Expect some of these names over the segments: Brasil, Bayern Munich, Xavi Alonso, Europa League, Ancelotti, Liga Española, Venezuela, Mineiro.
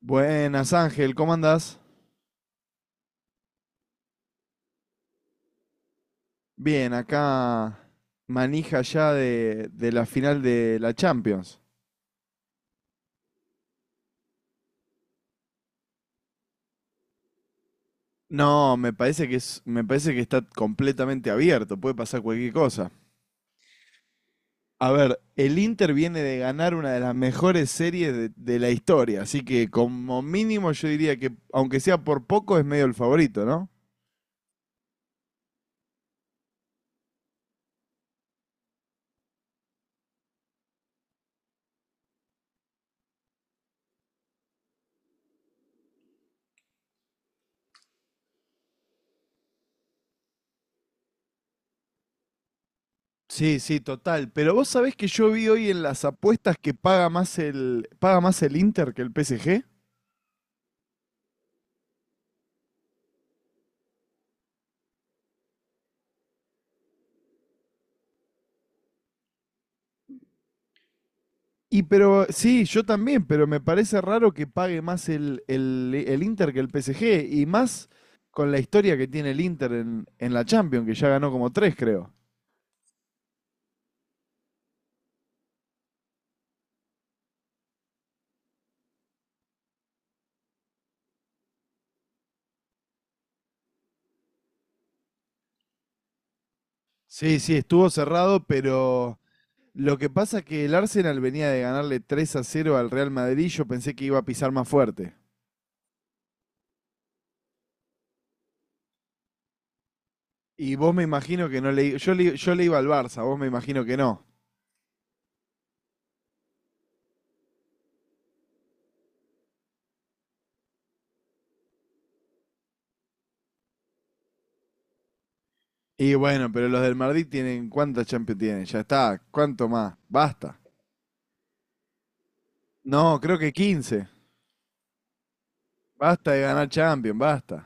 Buenas, Ángel, ¿cómo andás? Bien, acá manija ya de la final de la Champions. No, me parece me parece que está completamente abierto, puede pasar cualquier cosa. A ver, el Inter viene de ganar una de las mejores series de la historia, así que como mínimo yo diría que, aunque sea por poco, es medio el favorito, ¿no? Sí, sí, total. Pero vos sabés que yo vi hoy en las apuestas que paga más el Inter que el PSG. Pero, sí, yo también, pero me parece raro que pague más el Inter que el PSG, y más con la historia que tiene el Inter en la Champions, que ya ganó como tres, creo. Sí, sí, estuvo cerrado, pero lo que pasa es que el Arsenal venía de ganarle 3 a cero al Real Madrid, yo pensé que iba a pisar más fuerte. Y vos me imagino que no le... yo le iba al Barça, vos me imagino que no. Y bueno, pero los del Madrid tienen... ¿Cuántas Champions tienen? Ya está, ¿cuánto más? Basta. No, creo que 15. Basta de ganar Champions, basta.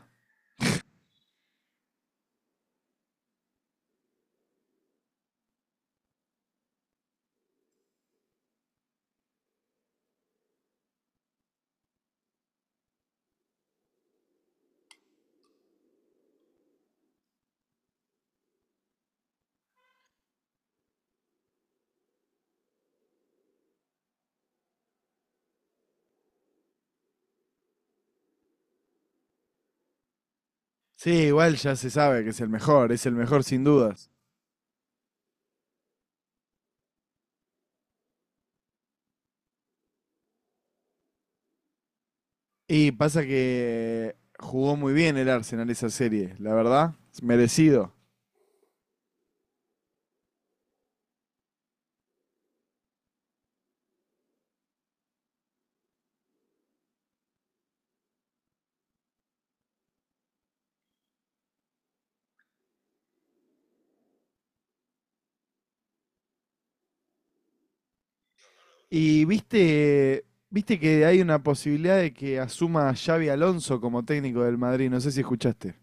Sí, igual ya se sabe que es el mejor sin dudas. Y pasa que jugó muy bien el Arsenal esa serie, la verdad, es merecido. Y viste, viste que hay una posibilidad de que asuma a Xavi Alonso como técnico del Madrid, no sé si escuchaste.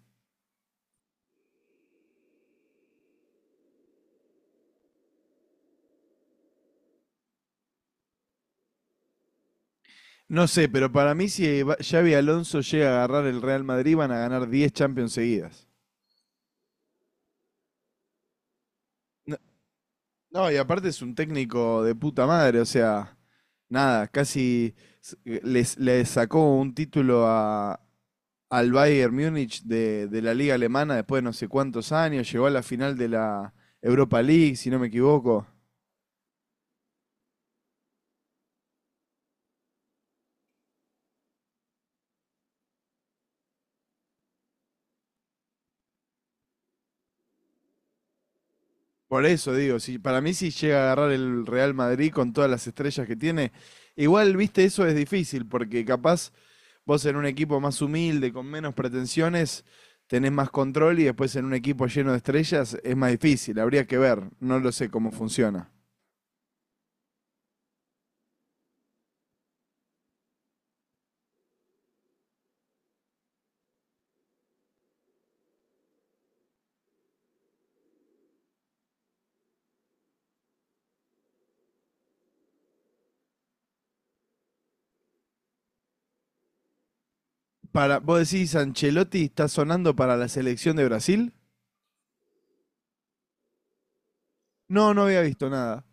No sé, pero para mí si va- Xavi Alonso llega a agarrar el Real Madrid van a ganar 10 Champions seguidas. No, no, y aparte es un técnico de puta madre, o sea, nada, casi s- le sacó un título a, al Bayern Múnich de la liga alemana después de no sé cuántos años, llegó a la final de la Europa League, si no me equivoco. Por eso digo, si, para mí si llega a agarrar el Real Madrid con todas las estrellas que tiene, igual, viste, eso es difícil, porque capaz vos en un equipo más humilde, con menos pretensiones, tenés más control y después en un equipo lleno de estrellas es más difícil. Habría que ver, no lo sé cómo funciona. Para, vos decís, ¿Ancelotti está sonando para la selección de Brasil? No, no había visto nada.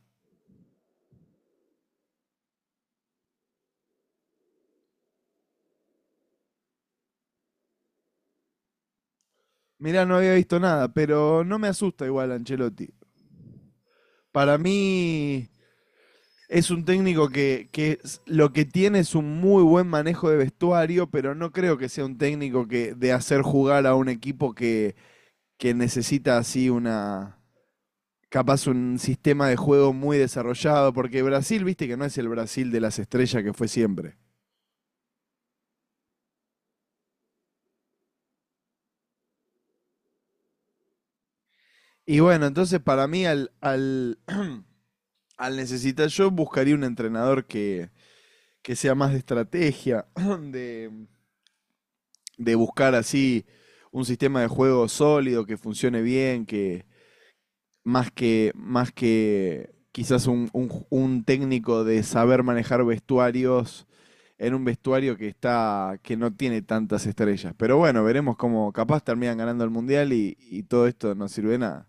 Mirá, no había visto nada, pero no me asusta igual Ancelotti. Para mí es un técnico que lo que tiene es un muy buen manejo de vestuario, pero no creo que sea un técnico que de hacer jugar a un equipo que necesita así una, capaz un sistema de juego muy desarrollado, porque Brasil, viste que no es el Brasil de las estrellas que fue siempre. Y bueno, entonces para mí al necesitar yo buscaría un entrenador que sea más de estrategia, de, de buscar así un sistema de juego sólido, que funcione bien, que, más que quizás un técnico de saber manejar vestuarios en un vestuario que está, que no tiene tantas estrellas. Pero bueno, veremos cómo capaz terminan ganando el Mundial y todo esto no sirve de nada.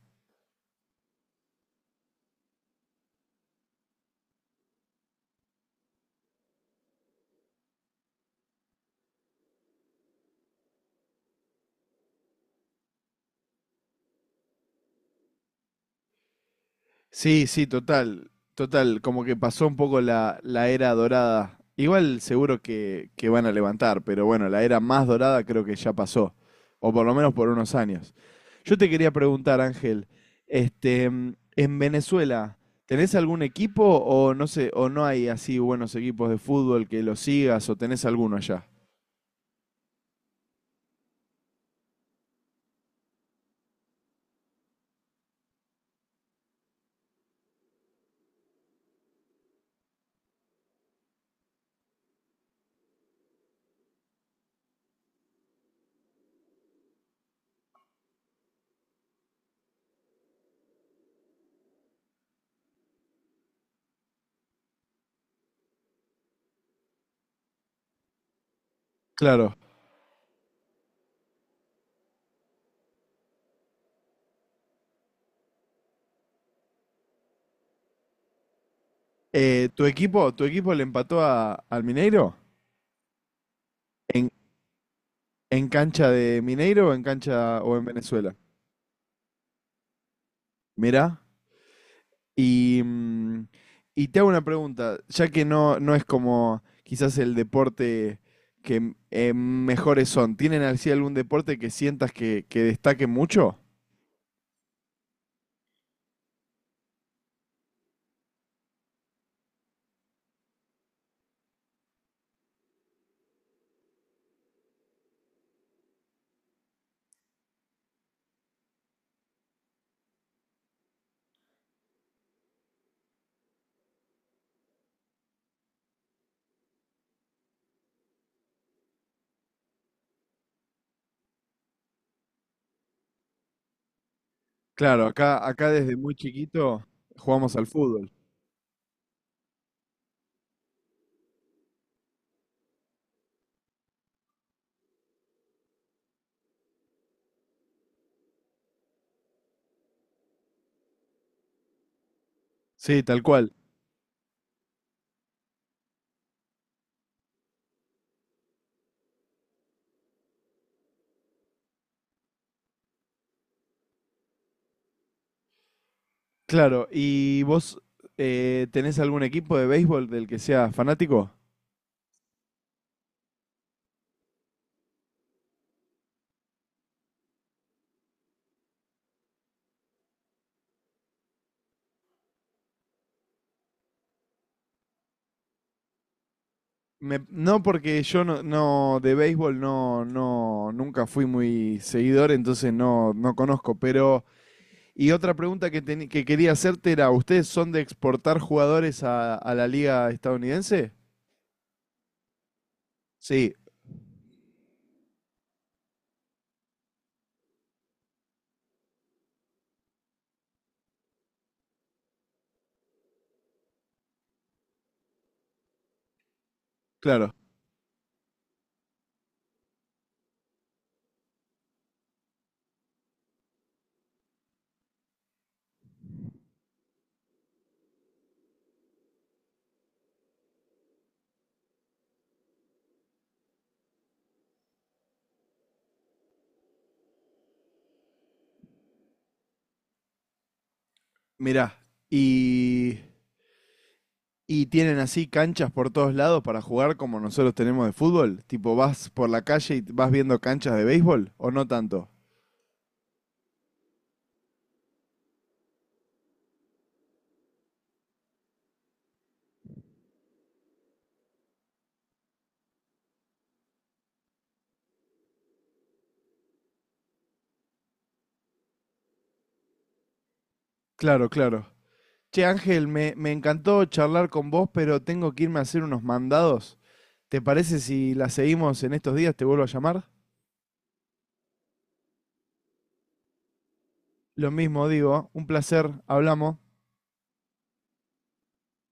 Sí, sí, total, total, como que pasó un poco la era dorada. Igual seguro que van a levantar, pero bueno, la era más dorada creo que ya pasó, o por lo menos por unos años. Yo te quería preguntar, Ángel, este, en Venezuela, ¿tenés algún equipo o no sé, o no hay así buenos equipos de fútbol que los sigas o tenés alguno allá? Claro. Tu equipo al Mineiro? ¿En, en cancha de Mineiro o en Venezuela? Mirá. Y, y te hago una pregunta, ya que no, no es como quizás el deporte mejores son, ¿tienen así algún deporte que sientas que destaque mucho? Claro, acá, acá desde muy chiquito jugamos al fútbol. Sí, tal cual. Claro, ¿y vos tenés algún equipo de béisbol del que seas fanático? No, porque yo no, no de béisbol no, no, nunca fui muy seguidor, entonces no, no conozco, pero y otra pregunta que, que quería hacerte era, ¿ustedes son de exportar jugadores a la liga estadounidense? Sí, claro. Mirá, y, y tienen así canchas por todos lados para jugar como nosotros tenemos de fútbol. Tipo, vas por la calle y vas viendo canchas de béisbol, ¿o no tanto? Claro, claro. Che, Ángel, me encantó charlar con vos, pero tengo que irme a hacer unos mandados. ¿Te parece si la seguimos en estos días? ¿Te vuelvo a llamar? Lo mismo digo, un placer, hablamos.